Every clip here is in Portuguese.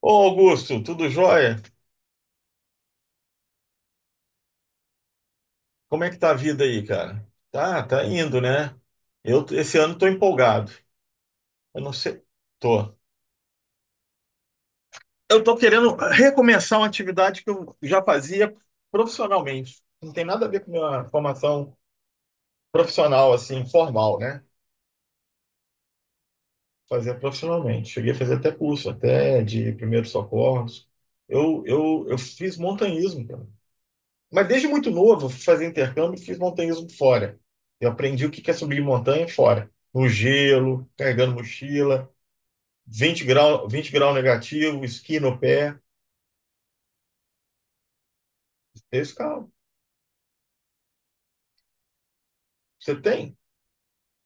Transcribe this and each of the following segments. Ô Augusto, tudo jóia? Como é que tá a vida aí, cara? Tá indo, né? Eu esse ano tô empolgado. Eu não sei, tô. Eu tô querendo recomeçar uma atividade que eu já fazia profissionalmente. Não tem nada a ver com minha formação profissional assim, formal, né? Fazia profissionalmente. Cheguei a fazer até curso, até de primeiros socorros. Eu fiz montanhismo, cara. Mas desde muito novo, fui fazer intercâmbio e fiz montanhismo fora. Eu aprendi o que que é subir montanha fora. No gelo, carregando mochila, 20 grau, 20 grau negativo, esqui no pé. Eu escalo. Você tem?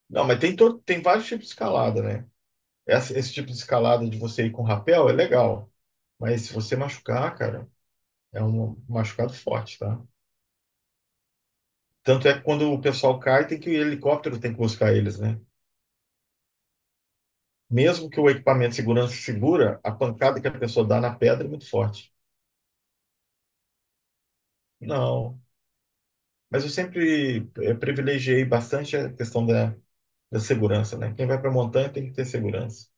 Não, mas tem vários tipos de escalada, né? Esse tipo de escalada de você ir com rapel é legal. Mas se você machucar, cara, é um machucado forte, tá? Tanto é que quando o pessoal cai, tem que o helicóptero tem que buscar eles, né? Mesmo que o equipamento de segurança segura, a pancada que a pessoa dá na pedra é muito forte. Não, mas eu sempre privilegiei bastante a questão da segurança, né? Quem vai para a montanha tem que ter segurança,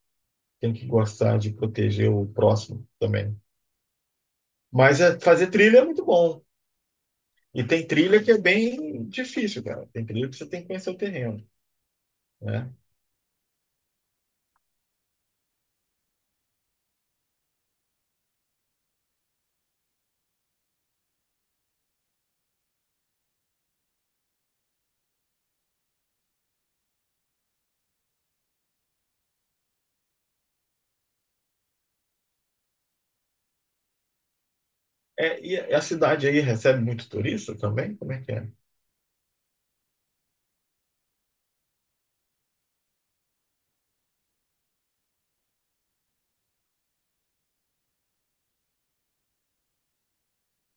tem que gostar de proteger o próximo também. Mas fazer trilha é muito bom. E tem trilha que é bem difícil, cara. Tem trilha que você tem que conhecer o terreno, né? É, e a cidade aí recebe muito turista também? Como é que é?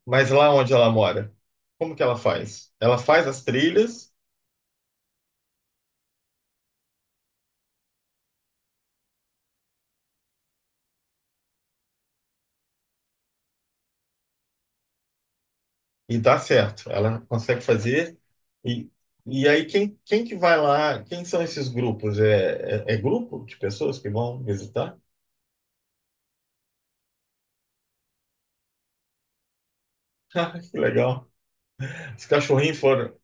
Mas lá onde ela mora, como que ela faz? Ela faz as trilhas. E dá certo, ela consegue fazer. E, e aí, quem que vai lá? Quem são esses grupos? É grupo de pessoas que vão visitar? Ah, que legal. Os cachorrinhos foram.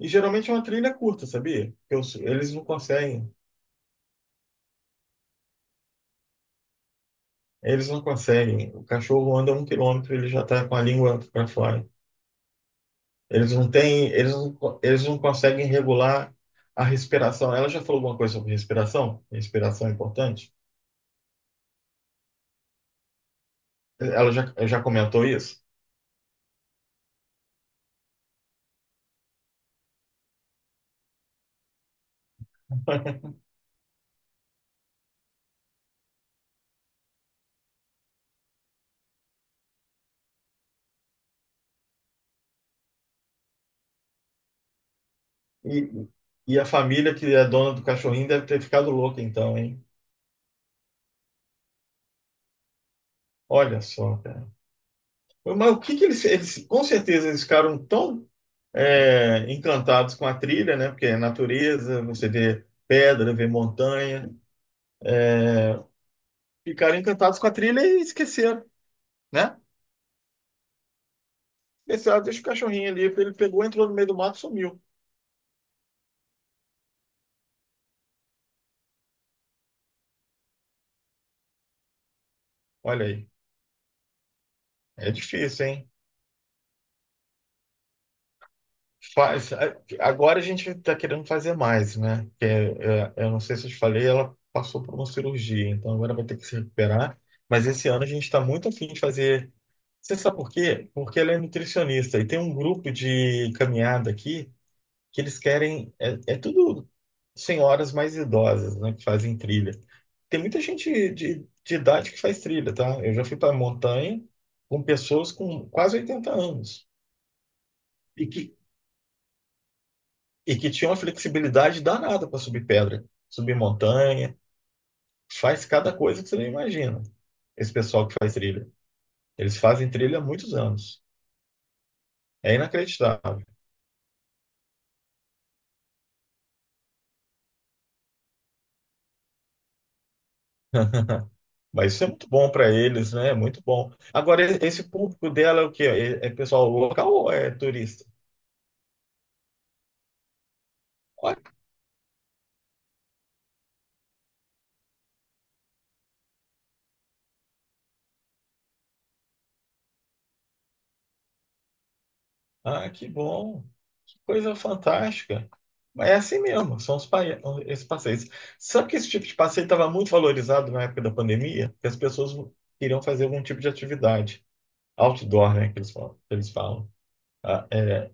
E geralmente é uma trilha curta, sabia? Porque eles não conseguem. Eles não conseguem. O cachorro anda 1 quilômetro, ele já está com a língua para fora. Eles não têm, eles não conseguem regular a respiração. Ela já falou alguma coisa sobre respiração? Respiração é importante? Ela já comentou isso? E, e a família que é dona do cachorrinho deve ter ficado louca então, hein? Olha só, cara. Mas o que que eles com certeza eles ficaram tão encantados com a trilha, né? Porque é natureza, você vê pedra, vê montanha, é, ficaram encantados com a trilha e esqueceram, né? Esqueceram, deixa o cachorrinho ali, ele pegou, entrou no meio do mato, e sumiu. Olha aí, é difícil, hein? Faz, agora a gente está querendo fazer mais, né? Eu não sei se eu te falei, ela passou por uma cirurgia, então agora vai ter que se recuperar. Mas esse ano a gente está muito afim de fazer. Você sabe por quê? Porque ela é nutricionista e tem um grupo de caminhada aqui que eles querem. É tudo senhoras mais idosas, né? Que fazem trilha. Tem muita gente de idade que faz trilha, tá? Eu já fui para a montanha com pessoas com quase 80 anos e que e que tinha uma flexibilidade danada para subir pedra, subir montanha, faz cada coisa que você não imagina. Esse pessoal que faz trilha, eles fazem trilha há muitos anos. É inacreditável. Mas isso é muito bom para eles, né? É muito bom. Agora, esse público dela é o quê? É pessoal local ou é turista? Olha, ah, que bom. Coisa fantástica. Mas é assim mesmo, são esses passeios. Sabe que esse tipo de passeio estava muito valorizado na época da pandemia? Porque as pessoas queriam fazer algum tipo de atividade. Outdoor, né, que eles falam. Ah, é,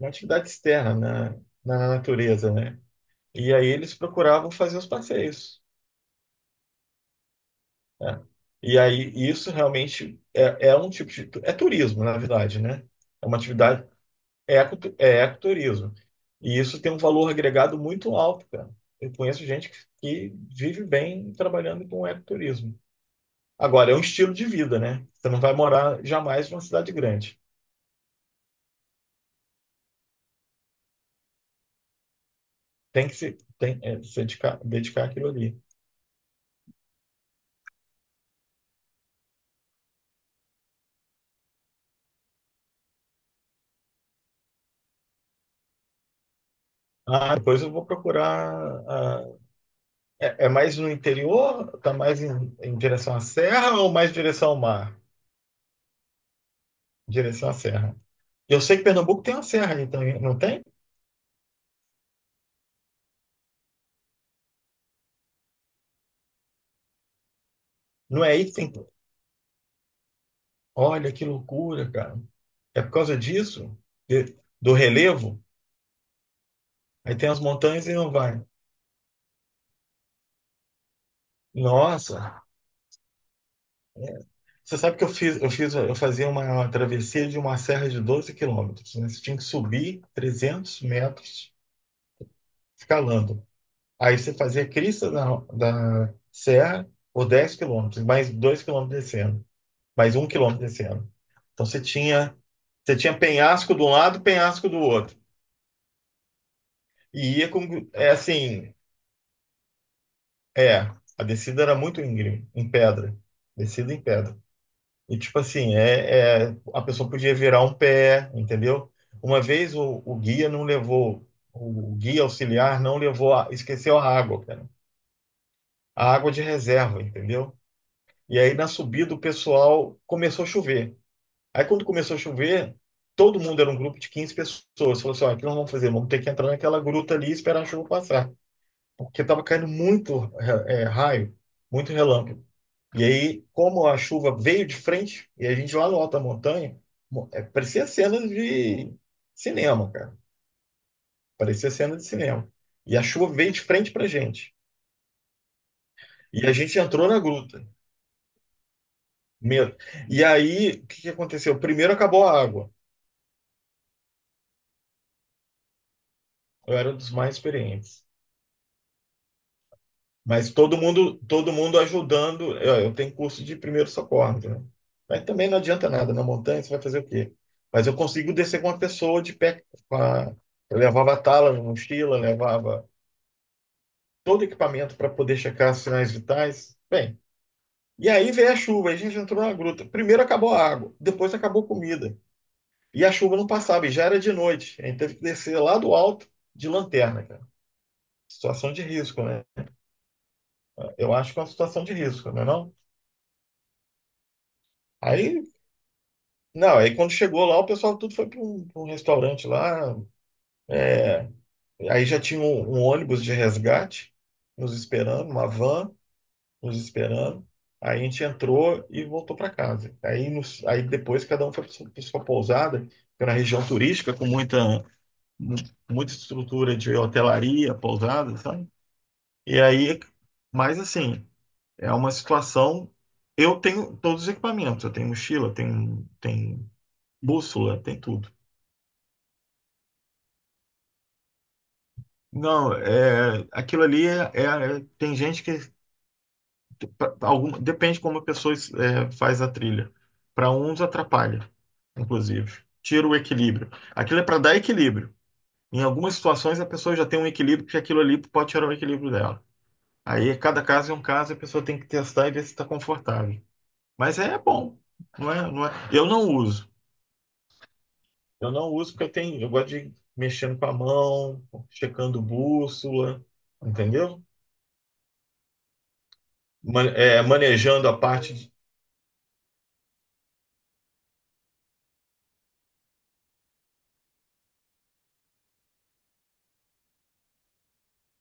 uma atividade externa, né, na natureza, né? E aí eles procuravam fazer os passeios, né? E aí isso realmente é um tipo de... É turismo, na verdade, né? É uma atividade. É ecoturismo. E isso tem um valor agregado muito alto, cara. Eu conheço gente que vive bem trabalhando com ecoturismo. Agora, é um estilo de vida, né? Você não vai morar jamais numa cidade grande. Tem que se, se dedicar àquilo ali. Ah, depois eu vou procurar. Ah, é mais no interior? Está mais em direção à serra ou mais direção ao mar? Direção à serra. Eu sei que Pernambuco tem uma serra aí também, não tem? Não é aí que tem. Olha que loucura, cara. É por causa disso? De- do relevo? Aí tem as montanhas e não vai. Nossa. É. Você sabe que eu fazia uma travessia de uma serra de 12 quilômetros, né? Você tinha que subir 300 metros escalando. Aí você fazia a crista da serra por 10 quilômetros, mais 2 quilômetros descendo, mais 1 quilômetro descendo. Então você tinha penhasco de um lado, penhasco do outro. E ia com, é assim, É, a descida era muito íngreme, em pedra. Descida em pedra. E tipo assim, a pessoa podia virar um pé, entendeu? Uma vez o guia auxiliar não levou, esqueceu a água, cara. A água de reserva, entendeu? E aí na subida o pessoal começou a chover. Aí quando começou a chover, todo mundo era um grupo de 15 pessoas. Falou assim, ó, o que nós vamos fazer? Vamos ter que entrar naquela gruta ali e esperar a chuva passar. Porque estava caindo muito raio, muito relâmpago. E aí, como a chuva veio de frente, e a gente lá no Alta Montanha, parecia cena de cinema, cara. Parecia cena de cinema. E a chuva veio de frente pra gente. E a gente entrou na gruta. Medo. E aí, o que que aconteceu? Primeiro acabou a água. Eu era um dos mais experientes. Mas todo mundo ajudando. Eu tenho curso de primeiro socorro, né? Mas também não adianta nada. Na montanha você vai fazer o quê? Mas eu consigo descer com uma pessoa de pé. Com a... Eu levava tala, mochila, levava todo o equipamento para poder checar os sinais vitais. Bem, e aí veio a chuva, aí a gente entrou na gruta. Primeiro acabou a água, depois acabou a comida. E a chuva não passava, e já era de noite. A gente teve que descer lá do alto de lanterna, cara. Situação de risco, né? Eu acho que é uma situação de risco, não é não? Aí Não, aí quando chegou lá, o pessoal tudo foi pra um restaurante lá. é, Aí já tinha um ônibus de resgate nos esperando, uma van nos esperando. Aí a gente entrou e voltou para casa. Aí, aí depois cada um foi para sua pousada, que era uma região turística com muita, mu- muita estrutura de hotelaria, pousada, sabe? E aí, mas assim, é uma situação. Eu tenho todos os equipamentos, eu tenho mochila, tenho bússola, tem tudo. Não, é, aquilo ali tem gente que alguma, depende como a pessoa é, faz a trilha. Para uns atrapalha, inclusive, tira o equilíbrio. Aquilo é para dar equilíbrio. Em algumas situações a pessoa já tem um equilíbrio que aquilo ali pode tirar o equilíbrio dela. Aí cada caso é um caso, a pessoa tem que testar e ver se está confortável. Mas é bom, não é, não é. Eu não uso. Eu não uso porque eu tenho, eu gosto de ir mexendo com a mão, checando bússola, entendeu? Manejando a parte.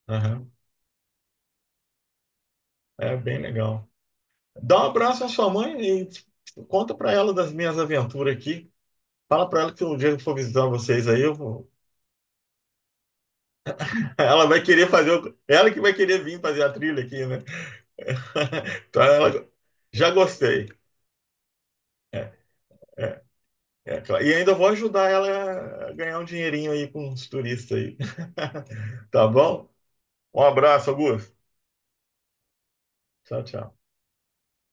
Aham. É bem legal. Dá um abraço à sua mãe e conta para ela das minhas aventuras aqui. Fala para ela que um dia que eu for visitar vocês aí, eu vou. Ela vai querer fazer. Ela que vai querer vir fazer a trilha aqui, né? Então ela. Já gostei. É, é, É claro. E ainda vou ajudar ela a ganhar um dinheirinho aí com os turistas aí. Tá bom? Um abraço, Augusto. Tchau, tchau.